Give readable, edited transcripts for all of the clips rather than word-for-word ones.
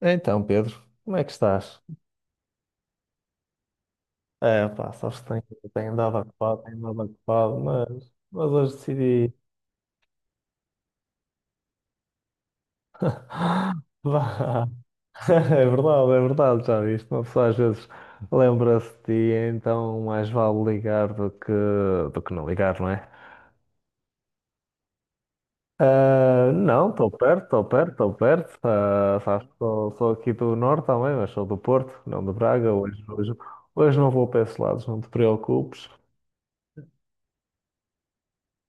Então, Pedro, como é que estás? É, pá, sabes que tenho andado ocupado, tenho andado ocupado, mas hoje decidi. Vá. É verdade, já viste. Uma pessoa às vezes lembra-se de ti, então mais vale ligar do que não ligar, não é? Ah, não, estou perto, estou perto, estou perto. Ah, sabes que sou aqui do Norte também, mas sou do Porto, não de Braga. Hoje não vou para esses lados, não te preocupes.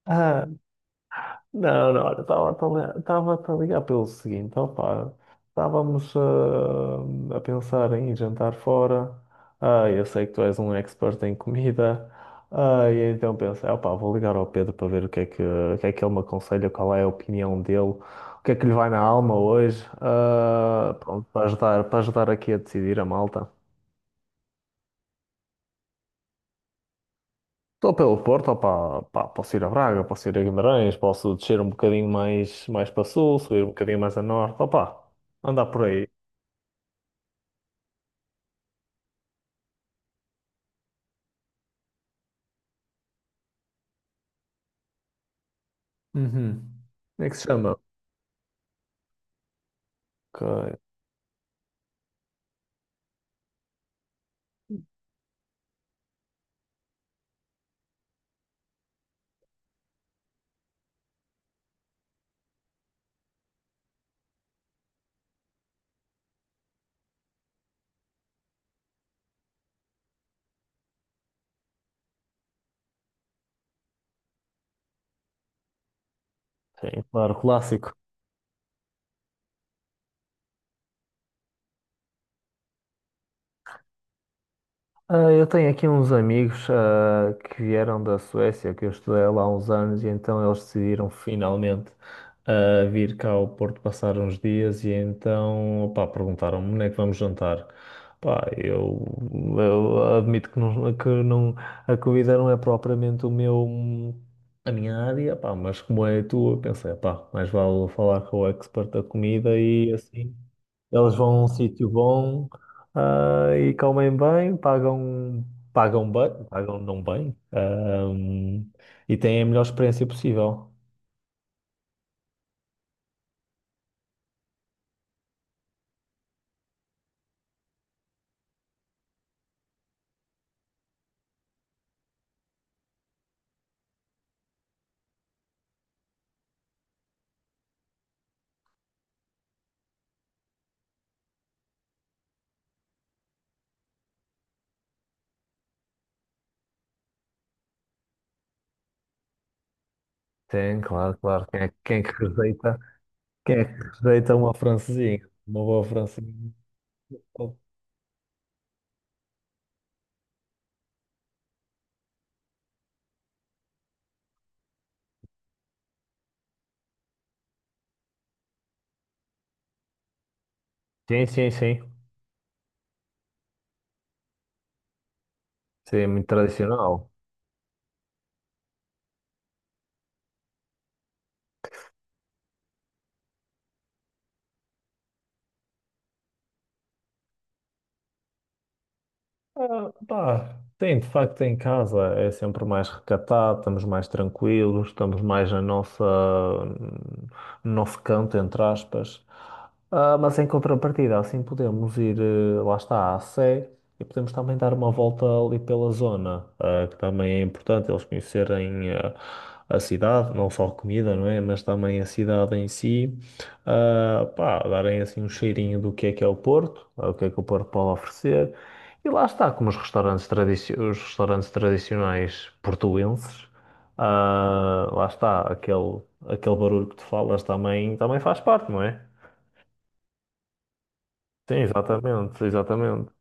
Ah, não, não, olha, estava a ligar pelo seguinte, opá, estávamos a pensar em ir jantar fora, eu sei que tu és um expert em comida, e então pensei, opá, vou ligar ao Pedro para ver o que é que ele me aconselha, qual é a opinião dele, o que é que lhe vai na alma hoje, pronto, para ajudar aqui a decidir a malta. Estou pelo Porto, opá, pá, posso ir a Braga, posso ir a Guimarães, posso descer um bocadinho mais para sul, subir um bocadinho mais a norte, opá, andar por aí. Uhum. Como é que se chama? Que, sim, claro, clássico. Ah, eu tenho aqui uns amigos, que vieram da Suécia, que eu estudei lá há uns anos, e então eles decidiram finalmente, vir cá ao Porto passar uns dias, e então, pá, perguntaram-me onde é que vamos jantar. Pá, eu admito que não, a comida não é propriamente o meu, a minha área, pá, mas como é a tua, eu pensei, pá, mais vale falar com o expert da comida e assim. Eles vão a um sítio bom, e comem bem, pagam bem, pagam não bem, e têm a melhor experiência possível. Tem, claro, claro. Quem é que rejeita? Quem é que rejeita uma francesinha? Uma boa francesinha. Sim, sim, sim. Sim, é muito tradicional. Ah, pá, tem, de facto, em casa é sempre mais recatado, estamos mais tranquilos, estamos mais na nossa, no nosso canto, entre aspas. Ah, mas em contrapartida, assim podemos ir, lá está, à Sé e podemos também dar uma volta ali pela zona, que também é importante eles conhecerem a cidade, não só a comida, não é? Mas também a cidade em si, ah, pá, darem assim um cheirinho do que é o Porto, o que é que o Porto pode oferecer. E lá está, como os restaurantes, tradici os restaurantes tradicionais portuenses, lá está, aquele barulho que tu falas também, também faz parte, não é? Sim, exatamente, exatamente.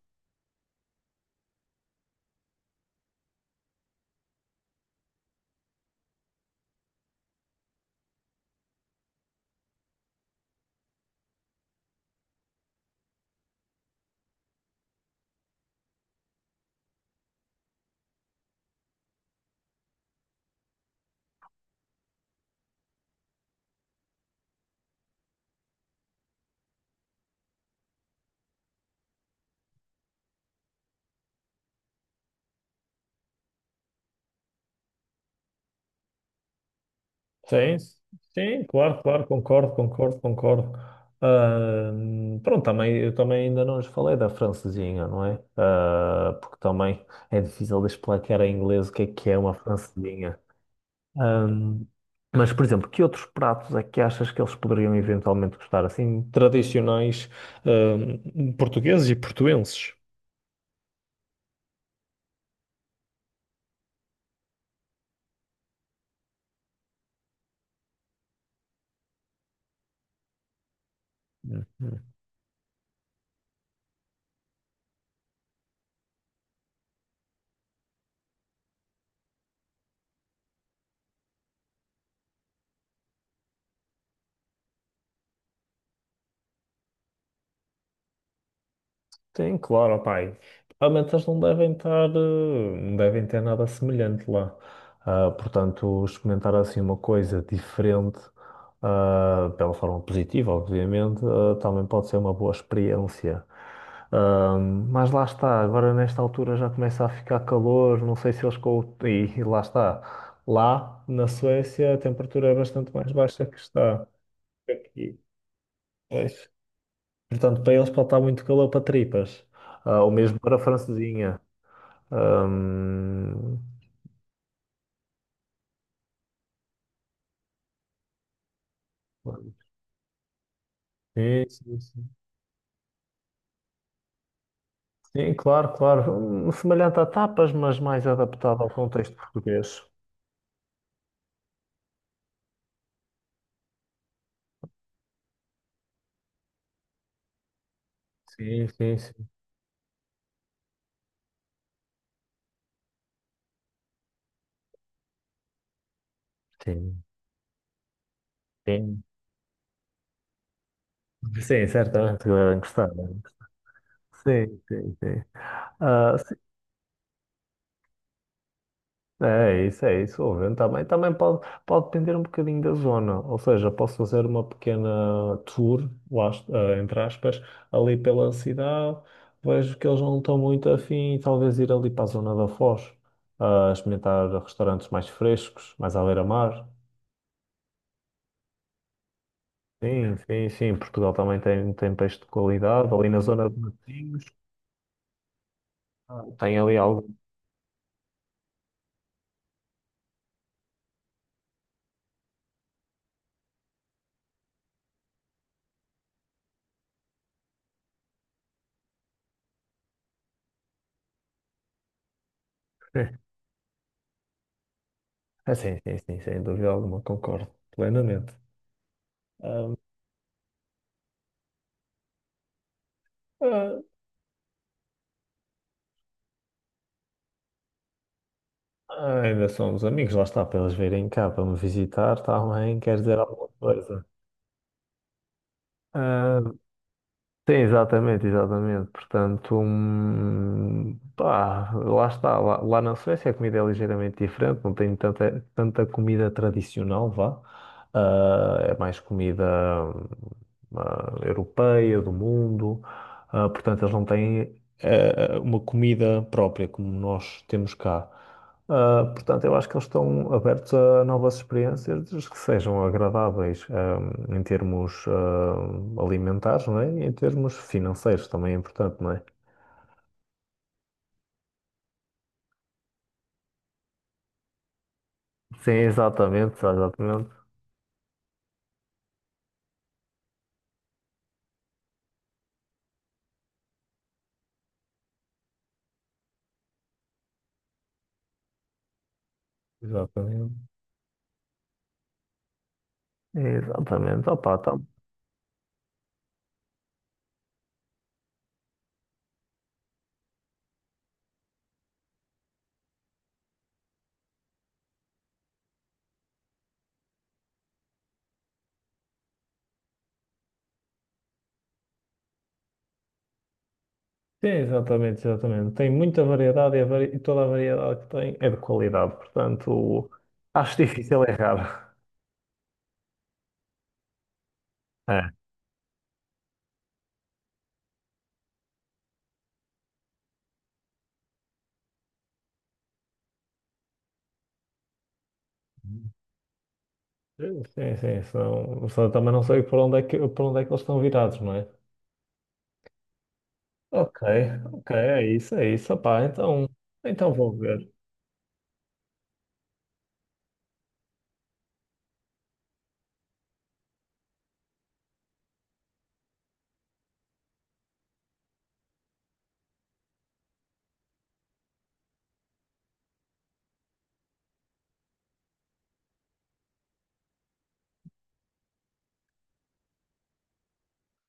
Sim, sim, claro, claro, concordo, concordo, concordo. Pronto, também, eu também ainda não lhes falei da francesinha, não é? Ah, porque também é difícil de explicar em inglês o que é uma francesinha. Ahm, mas, por exemplo, que outros pratos é que achas que eles poderiam eventualmente gostar, assim, tradicionais, portugueses e portuenses? Tem, claro, opá. E realmente eles não devem estar, não devem ter nada semelhante lá. Ah, portanto, experimentar assim uma coisa diferente, pela forma positiva, obviamente, também pode ser uma boa experiência. Ah, mas lá está, agora nesta altura já começa a ficar calor, não sei se eles com... e lá está. Lá na Suécia a temperatura é bastante mais baixa que está aqui. Portanto, para eles pode estar muito calor para tripas. Ah, ou mesmo para a francesinha. Ahm, sim, sim, sim. Sim, claro, claro. Um, semelhante a tapas, mas mais adaptado ao contexto português. Sim, sim, sim. Sim, sim. Sim, certamente que devem gostar. Sim, sim, sim. Ah, é é isso, é isso. O vento também, também pode, pode depender um bocadinho da zona. Ou seja, posso fazer uma pequena tour, lá, eh, entre aspas, ali pela cidade. Vejo que eles não estão muito afim talvez ir ali para a zona da Foz, a experimentar restaurantes mais frescos, mais à beira-mar. Sim, sim, sim. Portugal também tem, tem peixe de qualidade. Ali na zona de Matosinhos, tem ali algo. Ah, sim, sim, sim, sem dúvida alguma, concordo plenamente. Ah, ah, Ah, ainda somos amigos, lá está, para eles virem cá para me visitar também, quer dizer alguma coisa. Ah, sim, exatamente, exatamente. Portanto, pá, lá está, lá na Suécia a comida é ligeiramente diferente, não tem tanta, tanta comida tradicional, vá. Ah, é mais comida hum, ah, europeia, do mundo. Ah, portanto, eles não têm uma comida própria como nós temos cá. Ah, portanto, eu acho que eles estão abertos a novas experiências desde que sejam agradáveis, ah, em termos, alimentares, não é? E em termos financeiros também é importante, não é? Sim, exatamente, exatamente. Exatamente. Exatamente. Opa, tá. Sim, exatamente, exatamente. Tem muita variedade e, e toda a variedade que tem é de qualidade, portanto, acho difícil errar. É. Sim, sim, senão, senão também não sei por onde é que eles estão virados, não é? Ok, ok, é isso, é isso. Opá, então, então vou ver.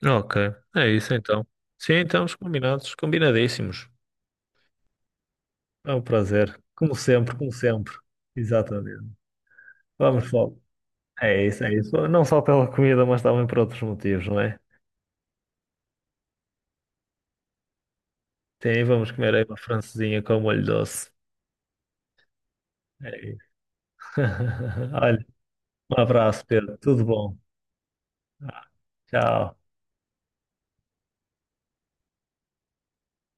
Ok, é isso então. Sim, então, os combinados, combinadíssimos. É um prazer. Como sempre, como sempre. Exatamente. Vamos só. É isso, é isso. Não só pela comida, mas também por outros motivos, não é? Sim, vamos comer aí uma francesinha com molho doce. É isso. Olha, um abraço, Pedro. Tudo bom. Ah, tchau.